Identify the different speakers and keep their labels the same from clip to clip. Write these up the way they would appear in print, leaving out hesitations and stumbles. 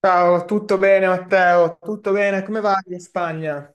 Speaker 1: Ciao, tutto bene Matteo? Tutto bene? Come va in Spagna?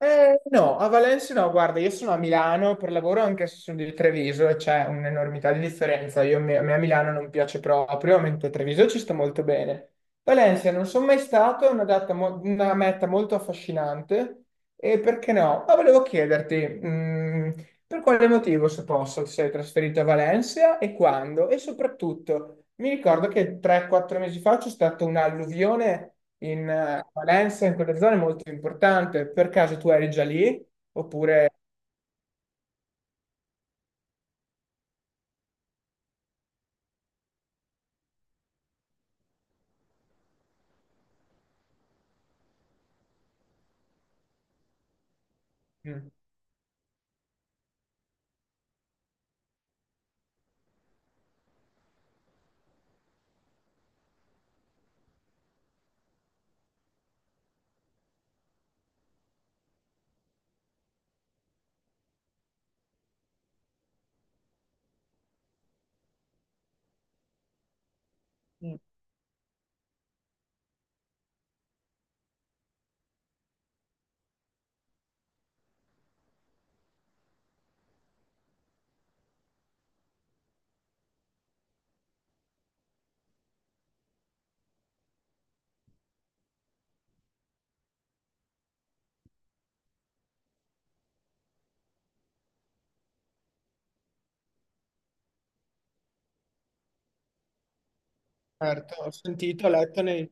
Speaker 1: No, a Valencia no, guarda, io sono a Milano per lavoro anche se sono di Treviso e c'è un'enormità di differenza. A me a Milano non piace proprio, mentre a Treviso ci sto molto bene. Valencia non sono mai stato, è una meta molto affascinante e perché no? Ma volevo chiederti, mm, Per quale motivo, se posso, ti sei trasferito a Valencia e quando? E soprattutto, mi ricordo che 3-4 mesi fa c'è stata un'alluvione in Valencia, in quelle zone molto importante. Per caso tu eri già lì? Oppure... Mm. Mm. Certo, ho sentito, ho letto nei...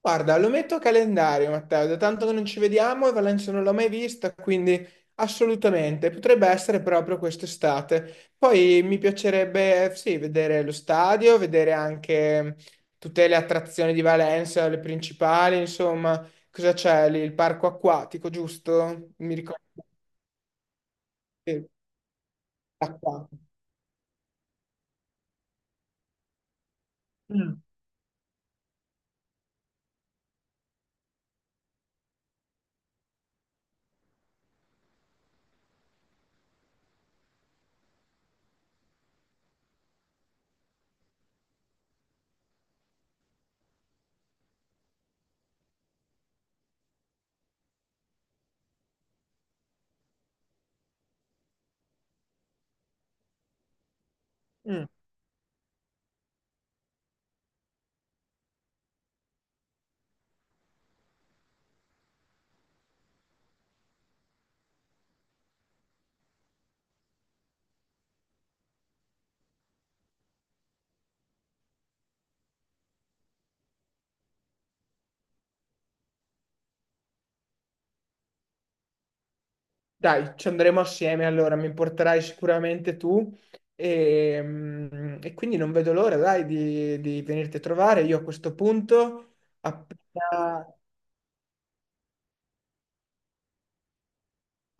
Speaker 1: Guarda, lo metto a calendario, Matteo, da tanto che non ci vediamo e Valencia non l'ho mai vista, quindi assolutamente, potrebbe essere proprio quest'estate. Poi mi piacerebbe, sì, vedere lo stadio, vedere anche tutte le attrazioni di Valencia, le principali, insomma, cosa c'è lì? Il parco acquatico, giusto? Mi ricordo. Sì, l'acqua. Mm. Mm. Dai, ci andremo assieme allora, mi porterai sicuramente tu e quindi non vedo l'ora, dai, di venirti a trovare. Io a questo punto, appena...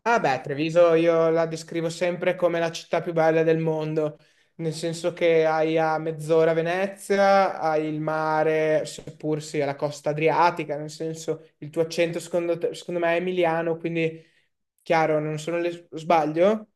Speaker 1: Ah beh, Treviso io la descrivo sempre come la città più bella del mondo, nel senso che hai a mezz'ora Venezia, hai il mare, seppur sia la costa adriatica, nel senso il tuo accento secondo me è emiliano, quindi chiaro, non sono le... sbaglio?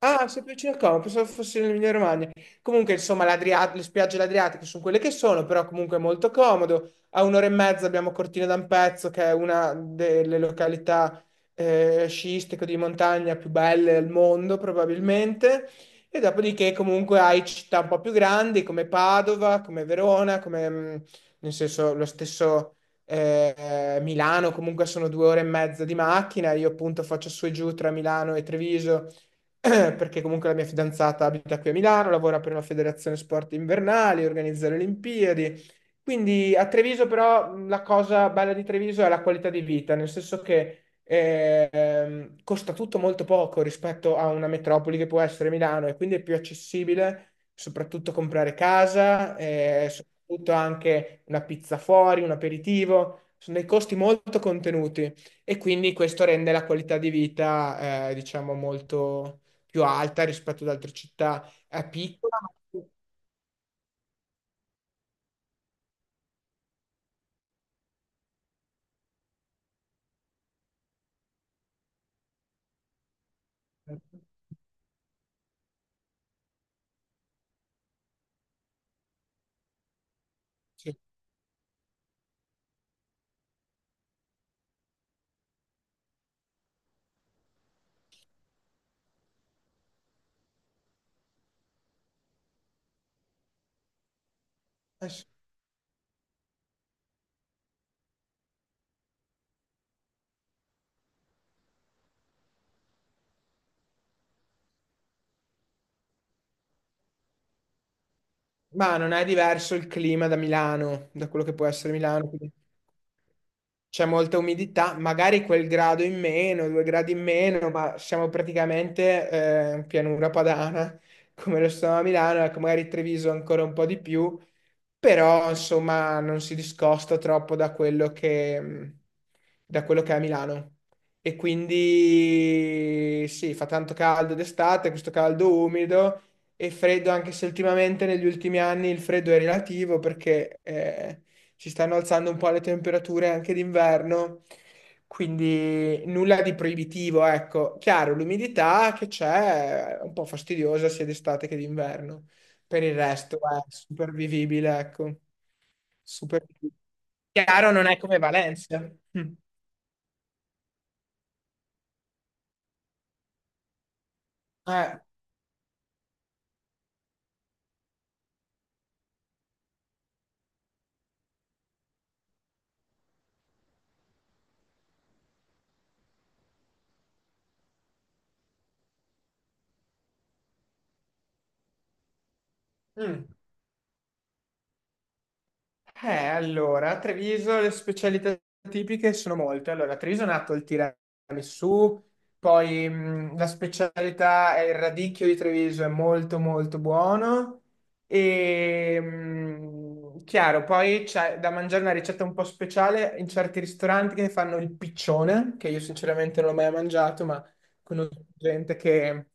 Speaker 1: Ah, sei più vicino al Como, pensavo fosse l'Emilia Romagna. Comunque, insomma, le spiagge dell'Adriatico sono quelle che sono, però comunque è molto comodo. A un'ora e mezza abbiamo Cortina d'Ampezzo, che è una delle località sciistiche di montagna più belle al mondo, probabilmente. E dopodiché comunque hai città un po' più grandi come Padova, come Verona, nel senso, lo stesso Milano, comunque sono 2 ore e mezza di macchina. Io appunto faccio su e giù tra Milano e Treviso perché comunque la mia fidanzata abita qui a Milano, lavora per una federazione sport invernali, organizza le Olimpiadi. Quindi a Treviso però la cosa bella di Treviso è la qualità di vita, nel senso che costa tutto molto poco rispetto a una metropoli che può essere Milano e quindi è più accessibile soprattutto comprare casa, soprattutto anche una pizza fuori, un aperitivo, sono dei costi molto contenuti e quindi questo rende la qualità di vita diciamo molto più alta rispetto ad altre città, è piccola, ma, sì. Eh sì. Ma non è diverso il clima da Milano, da quello che può essere Milano, c'è molta umidità, magari quel grado in meno, due gradi in meno, ma siamo praticamente in pianura padana, come lo stiamo a Milano, ecco, magari Treviso ancora un po' di più, però insomma non si discosta troppo da quello che è a Milano. E quindi sì, fa tanto caldo d'estate, questo caldo umido e freddo, anche se ultimamente negli ultimi anni il freddo è relativo perché si stanno alzando un po' le temperature anche d'inverno, quindi nulla di proibitivo, ecco. Chiaro, l'umidità che c'è è un po' fastidiosa sia d'estate che d'inverno. Per il resto è supervivibile, ecco. Super... Chiaro non è come Valencia. Mm. Eh, mm. Allora, a Treviso le specialità tipiche sono molte. Allora, a Treviso è nato il tiramisù, poi la specialità è il radicchio di Treviso, è molto molto buono. E chiaro, poi c'è da mangiare una ricetta un po' speciale in certi ristoranti che fanno il piccione, che io sinceramente non l'ho mai mangiato, ma conosco gente che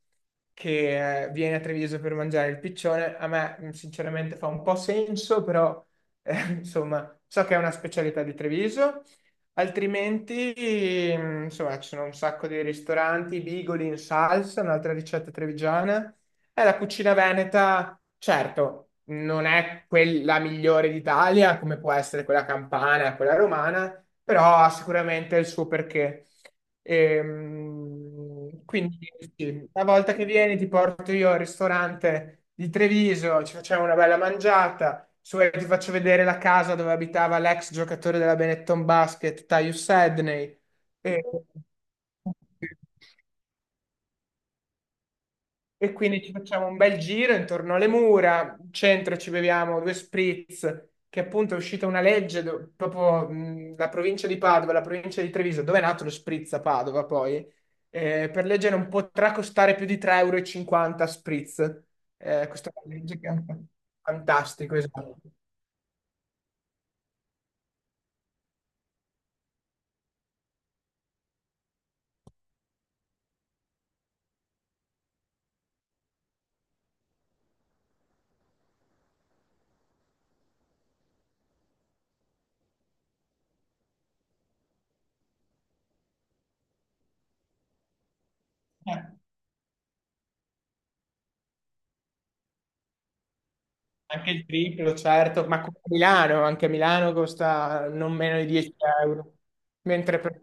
Speaker 1: viene a Treviso per mangiare il piccione, a me sinceramente fa un po' senso, però insomma, so che è una specialità di Treviso, altrimenti, insomma, ci sono un sacco di ristoranti, bigoli in salsa, un'altra ricetta trevigiana. E la cucina veneta, certo, non è quella migliore d'Italia, come può essere quella campana, quella romana, però ha sicuramente il suo perché. Quindi, sì, una volta che vieni, ti porto io al ristorante di Treviso, ci facciamo una bella mangiata se vuoi ti faccio vedere la casa dove abitava l'ex giocatore della Benetton Basket, Tyus Sedney. E, e quindi ci facciamo un bel giro intorno alle mura, in centro ci beviamo due spritz, che appunto è uscita una legge, proprio la provincia di Padova, la provincia di Treviso, dove è nato lo spritz a Padova poi, per legge non potrà costare più di 3,50 € e 50 spritz. Questa è una legge che è un po' fantastico, esatto. Eh, anche il triplo, certo, ma come a Milano, anche a Milano costa non meno di 10 euro. Mentre per...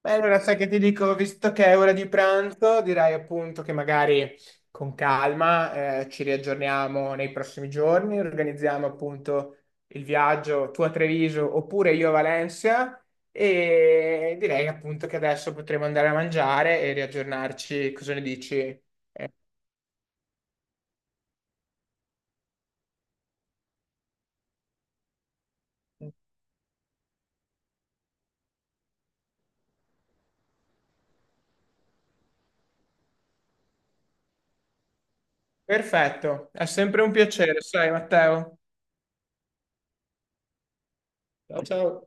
Speaker 1: Beh, allora sai che ti dico, visto che è ora di pranzo, direi appunto che magari con calma ci riaggiorniamo nei prossimi giorni, organizziamo appunto il viaggio tu a Treviso oppure io a Valencia e direi appunto che adesso potremo andare a mangiare e riaggiornarci, cosa ne dici? Eh, Perfetto, è sempre un piacere, sai Matteo. That's how,